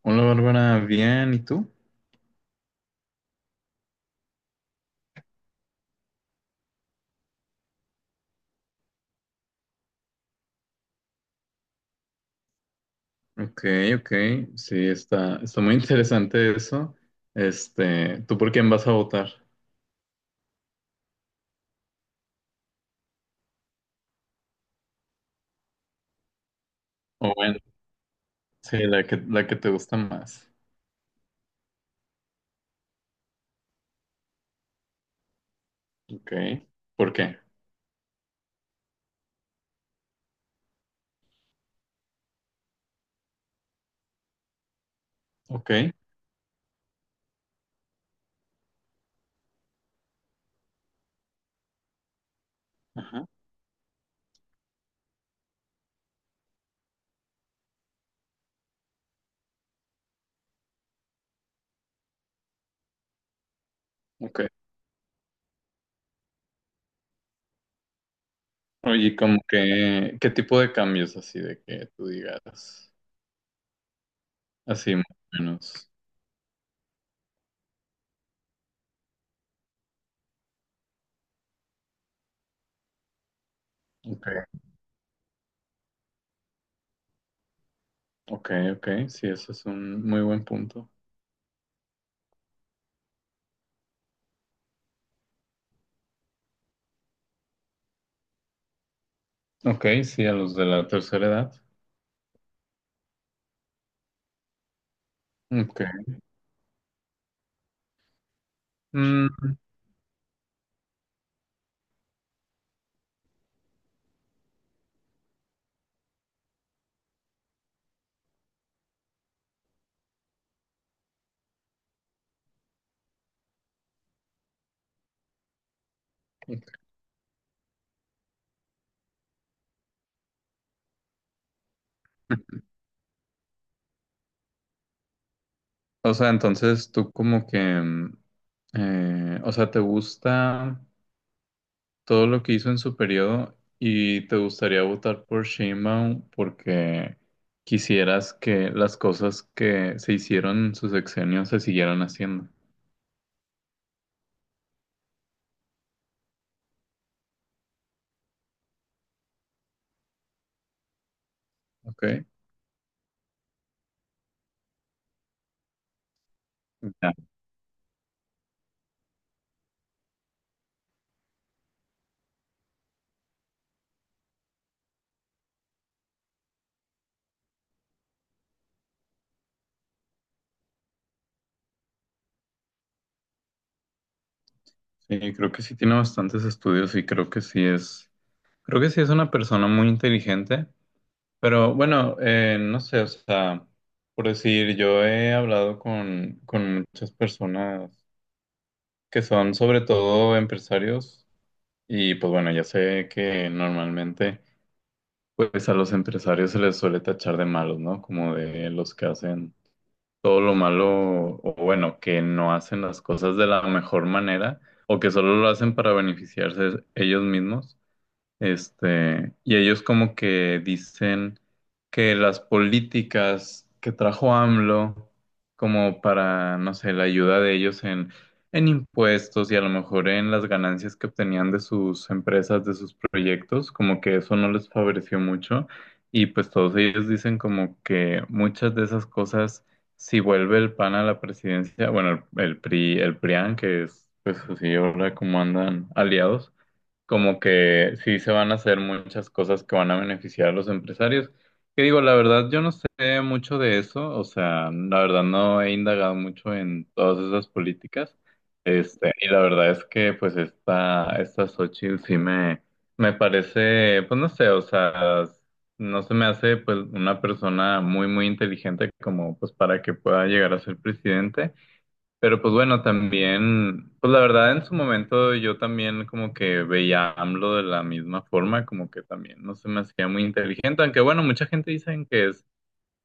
Hola Bárbara, bien, ¿y tú? Ok, ok, sí, está muy interesante eso. ¿Tú por quién vas a votar? O bueno, sí, la que te gusta más. Ok, ¿por qué? Ok, ajá, ok. Oye, como que, ¿qué tipo de cambios así de que tú digas? Así más o menos. Ok, ok, ok, sí, eso es un muy buen punto. Ok, sí, a los de la tercera edad. Ok. Mm, ok. O sea, entonces tú como que o sea, ¿te gusta todo lo que hizo en su periodo y te gustaría votar por Sheinbaum porque quisieras que las cosas que se hicieron en su sexenio se siguieran haciendo? Ok. Ya. Sí, creo que sí tiene bastantes estudios y creo que sí es, creo que sí es una persona muy inteligente, pero bueno, no sé, o sea, por decir, yo he hablado con muchas personas que son sobre todo empresarios. Y pues bueno, ya sé que normalmente pues a los empresarios se les suele tachar de malos, ¿no? Como de los que hacen todo lo malo o bueno, que no hacen las cosas de la mejor manera o que solo lo hacen para beneficiarse ellos mismos. Y ellos como que dicen que las políticas que trajo AMLO, como para, no sé, la ayuda de ellos en impuestos y a lo mejor en las ganancias que obtenían de sus empresas, de sus proyectos, como que eso no les favoreció mucho. Y pues todos ellos dicen como que muchas de esas cosas, si vuelve el PAN a la presidencia, bueno, el PRI, el PRIAN, que es, pues así ahora como andan aliados, como que sí se van a hacer muchas cosas que van a beneficiar a los empresarios. Que digo, la verdad, yo no sé mucho de eso, o sea, la verdad no he indagado mucho en todas esas políticas. Y la verdad es que pues esta Xochitl sí me parece, pues no sé, o sea, no se me hace pues una persona muy inteligente como pues para que pueda llegar a ser presidente. Pero pues bueno, también, pues la verdad en su momento yo también como que veía a AMLO de la misma forma, como que también no se me hacía muy inteligente, aunque bueno, mucha gente dicen que es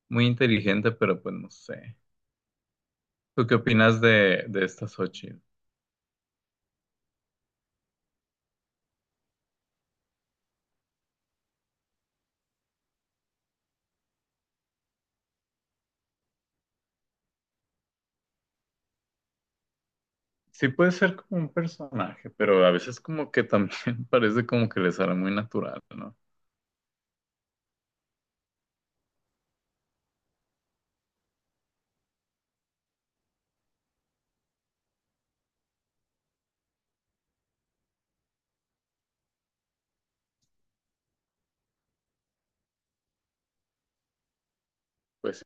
muy inteligente, pero pues no sé. ¿Tú qué opinas de esta Xochitl? Sí puede ser como un personaje, pero a veces como que también parece como que le sale muy natural, ¿no? Pues,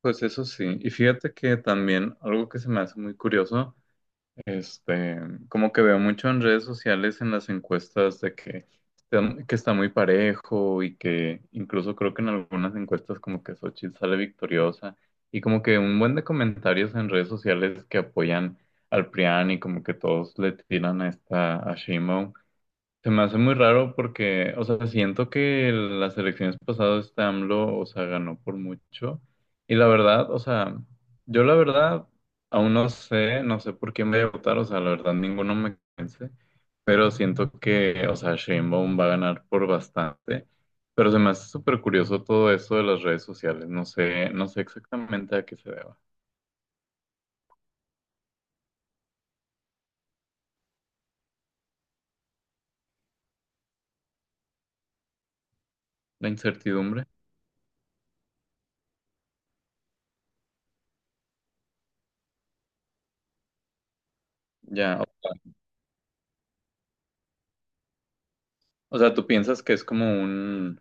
pues eso sí. Y fíjate que también algo que se me hace muy curioso. Este, como que veo mucho en redes sociales en las encuestas de que, que está muy parejo y que incluso creo que en algunas encuestas como que Xochitl sale victoriosa y como que un buen de comentarios en redes sociales que apoyan al PRIAN y como que todos le tiran a esta a Sheinbaum. Se me hace muy raro porque, o sea, siento que las elecciones pasadas este AMLO, o sea, ganó por mucho. Y la verdad, o sea, yo la verdad aún no sé, no sé por quién voy a votar, o sea, la verdad ninguno me convence, pero siento que, o sea, Sheinbaum va a ganar por bastante. Pero se me hace súper curioso todo eso de las redes sociales, no sé, no sé exactamente a qué se deba. La incertidumbre, ya, o sea, tú piensas que es como un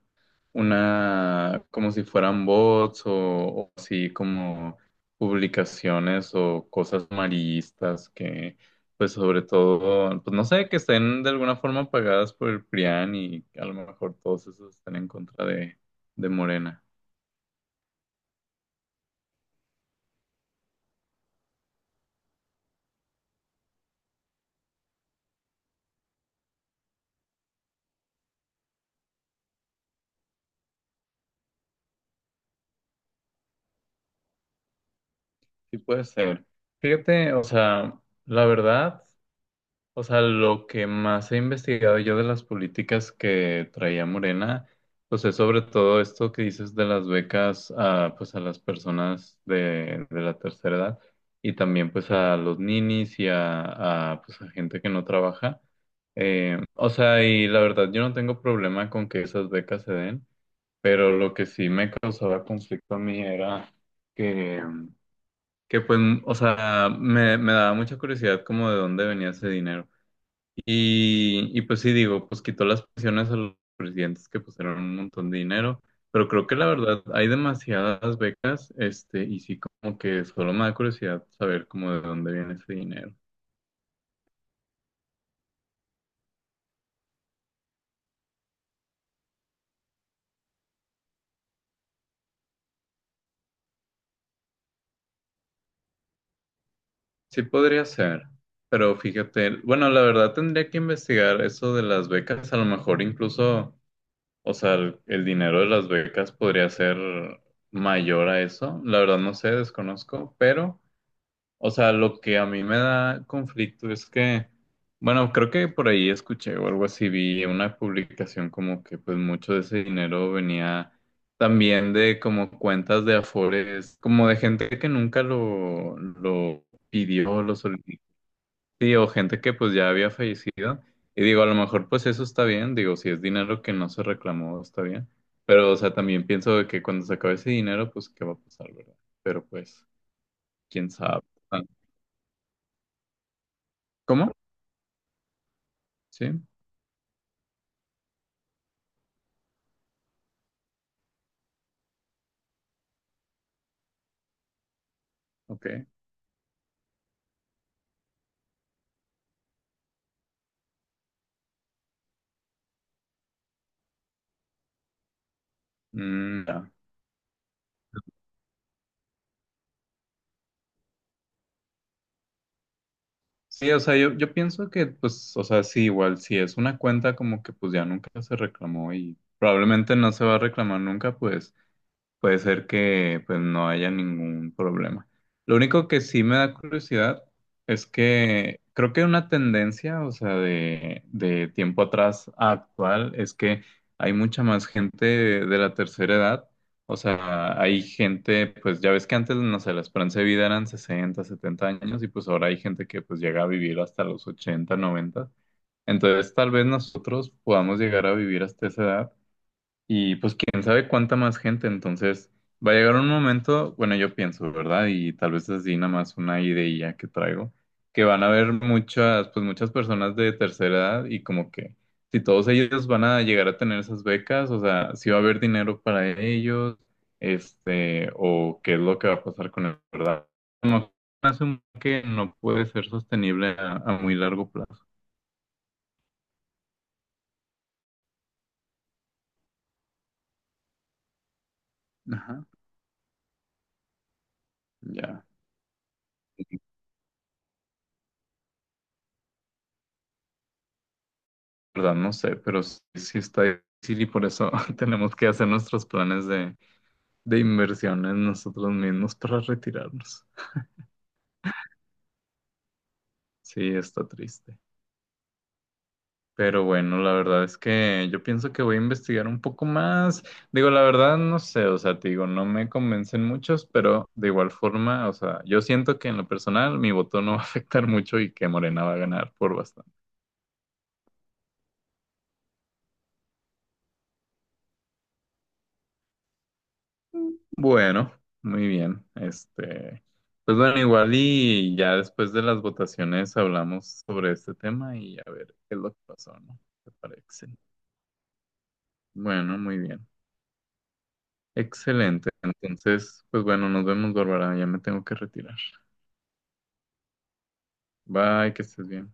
una, como si fueran bots o así como publicaciones o cosas amarillistas que, pues sobre todo, pues no sé, que estén de alguna forma pagadas por el PRIAN y a lo mejor todos esos están en contra de Morena. Sí puede ser. Fíjate, o sea, la verdad. O sea, lo que más he investigado yo de las políticas que traía Morena, pues es sobre todo esto que dices de las becas a, pues a las personas de la tercera edad y también pues a los ninis a, pues a gente que no trabaja. O sea, y la verdad yo no tengo problema con que esas becas se den, pero lo que sí me causaba conflicto a mí era que, que pues, o sea, me daba mucha curiosidad como de dónde venía ese dinero. Y pues sí digo, pues quitó las pensiones a los presidentes que pusieron un montón de dinero, pero creo que la verdad hay demasiadas becas, y sí como que solo me da curiosidad saber como de dónde viene ese dinero. Sí podría ser, pero fíjate, bueno, la verdad tendría que investigar eso de las becas, a lo mejor incluso, o sea, el dinero de las becas podría ser mayor a eso, la verdad no sé, desconozco, pero... O sea, lo que a mí me da conflicto es que, bueno, creo que por ahí escuché o algo así, vi una publicación como que pues mucho de ese dinero venía también de como cuentas de Afores, como de gente que nunca lo pidió, lo solicitó, sí, o gente que pues ya había fallecido. Y digo, a lo mejor pues eso está bien, digo, si es dinero que no se reclamó, está bien. Pero, o sea, también pienso de que cuando se acabe ese dinero, pues, ¿qué va a pasar, verdad? Pero pues, quién sabe. Ah, ¿Cómo? Sí, ok. Mm, ya. Sí, o sea, yo pienso que, pues, o sea, sí, igual, si es una cuenta como que pues ya nunca se reclamó y probablemente no se va a reclamar nunca, pues puede ser que pues no haya ningún problema. Lo único que sí me da curiosidad es que creo que una tendencia, o sea, de tiempo atrás a actual, es que hay mucha más gente de la tercera edad. O sea, hay gente, pues ya ves que antes, no sé, la esperanza de vida eran 60, 70 años y pues ahora hay gente que pues llega a vivir hasta los 80, 90. Entonces, tal vez nosotros podamos llegar a vivir hasta esa edad y pues quién sabe cuánta más gente, entonces va a llegar un momento, bueno, yo pienso, ¿verdad? Y tal vez así nada más una idea que traigo, que van a haber muchas, pues muchas personas de tercera edad y como que si todos ellos van a llegar a tener esas becas, o sea, si va a haber dinero para ellos, o qué es lo que va a pasar con el, ¿verdad? Como que asumo que no puede ser sostenible a muy largo plazo. Ajá, ya. Verdad no sé, pero sí, sí está difícil y por eso tenemos que hacer nuestros planes de inversión en nosotros mismos para retirarnos. Sí, está triste. Pero bueno, la verdad es que yo pienso que voy a investigar un poco más. Digo, la verdad no sé, o sea, te digo, no me convencen muchos, pero de igual forma, o sea, yo siento que en lo personal mi voto no va a afectar mucho y que Morena va a ganar por bastante. Bueno, muy bien. Pues bueno, igual y ya después de las votaciones hablamos sobre este tema y a ver qué es lo que pasó, ¿no? ¿Te parece? Bueno, muy bien. Excelente. Entonces, pues bueno, nos vemos, Bárbara. Ya me tengo que retirar. Bye, que estés bien.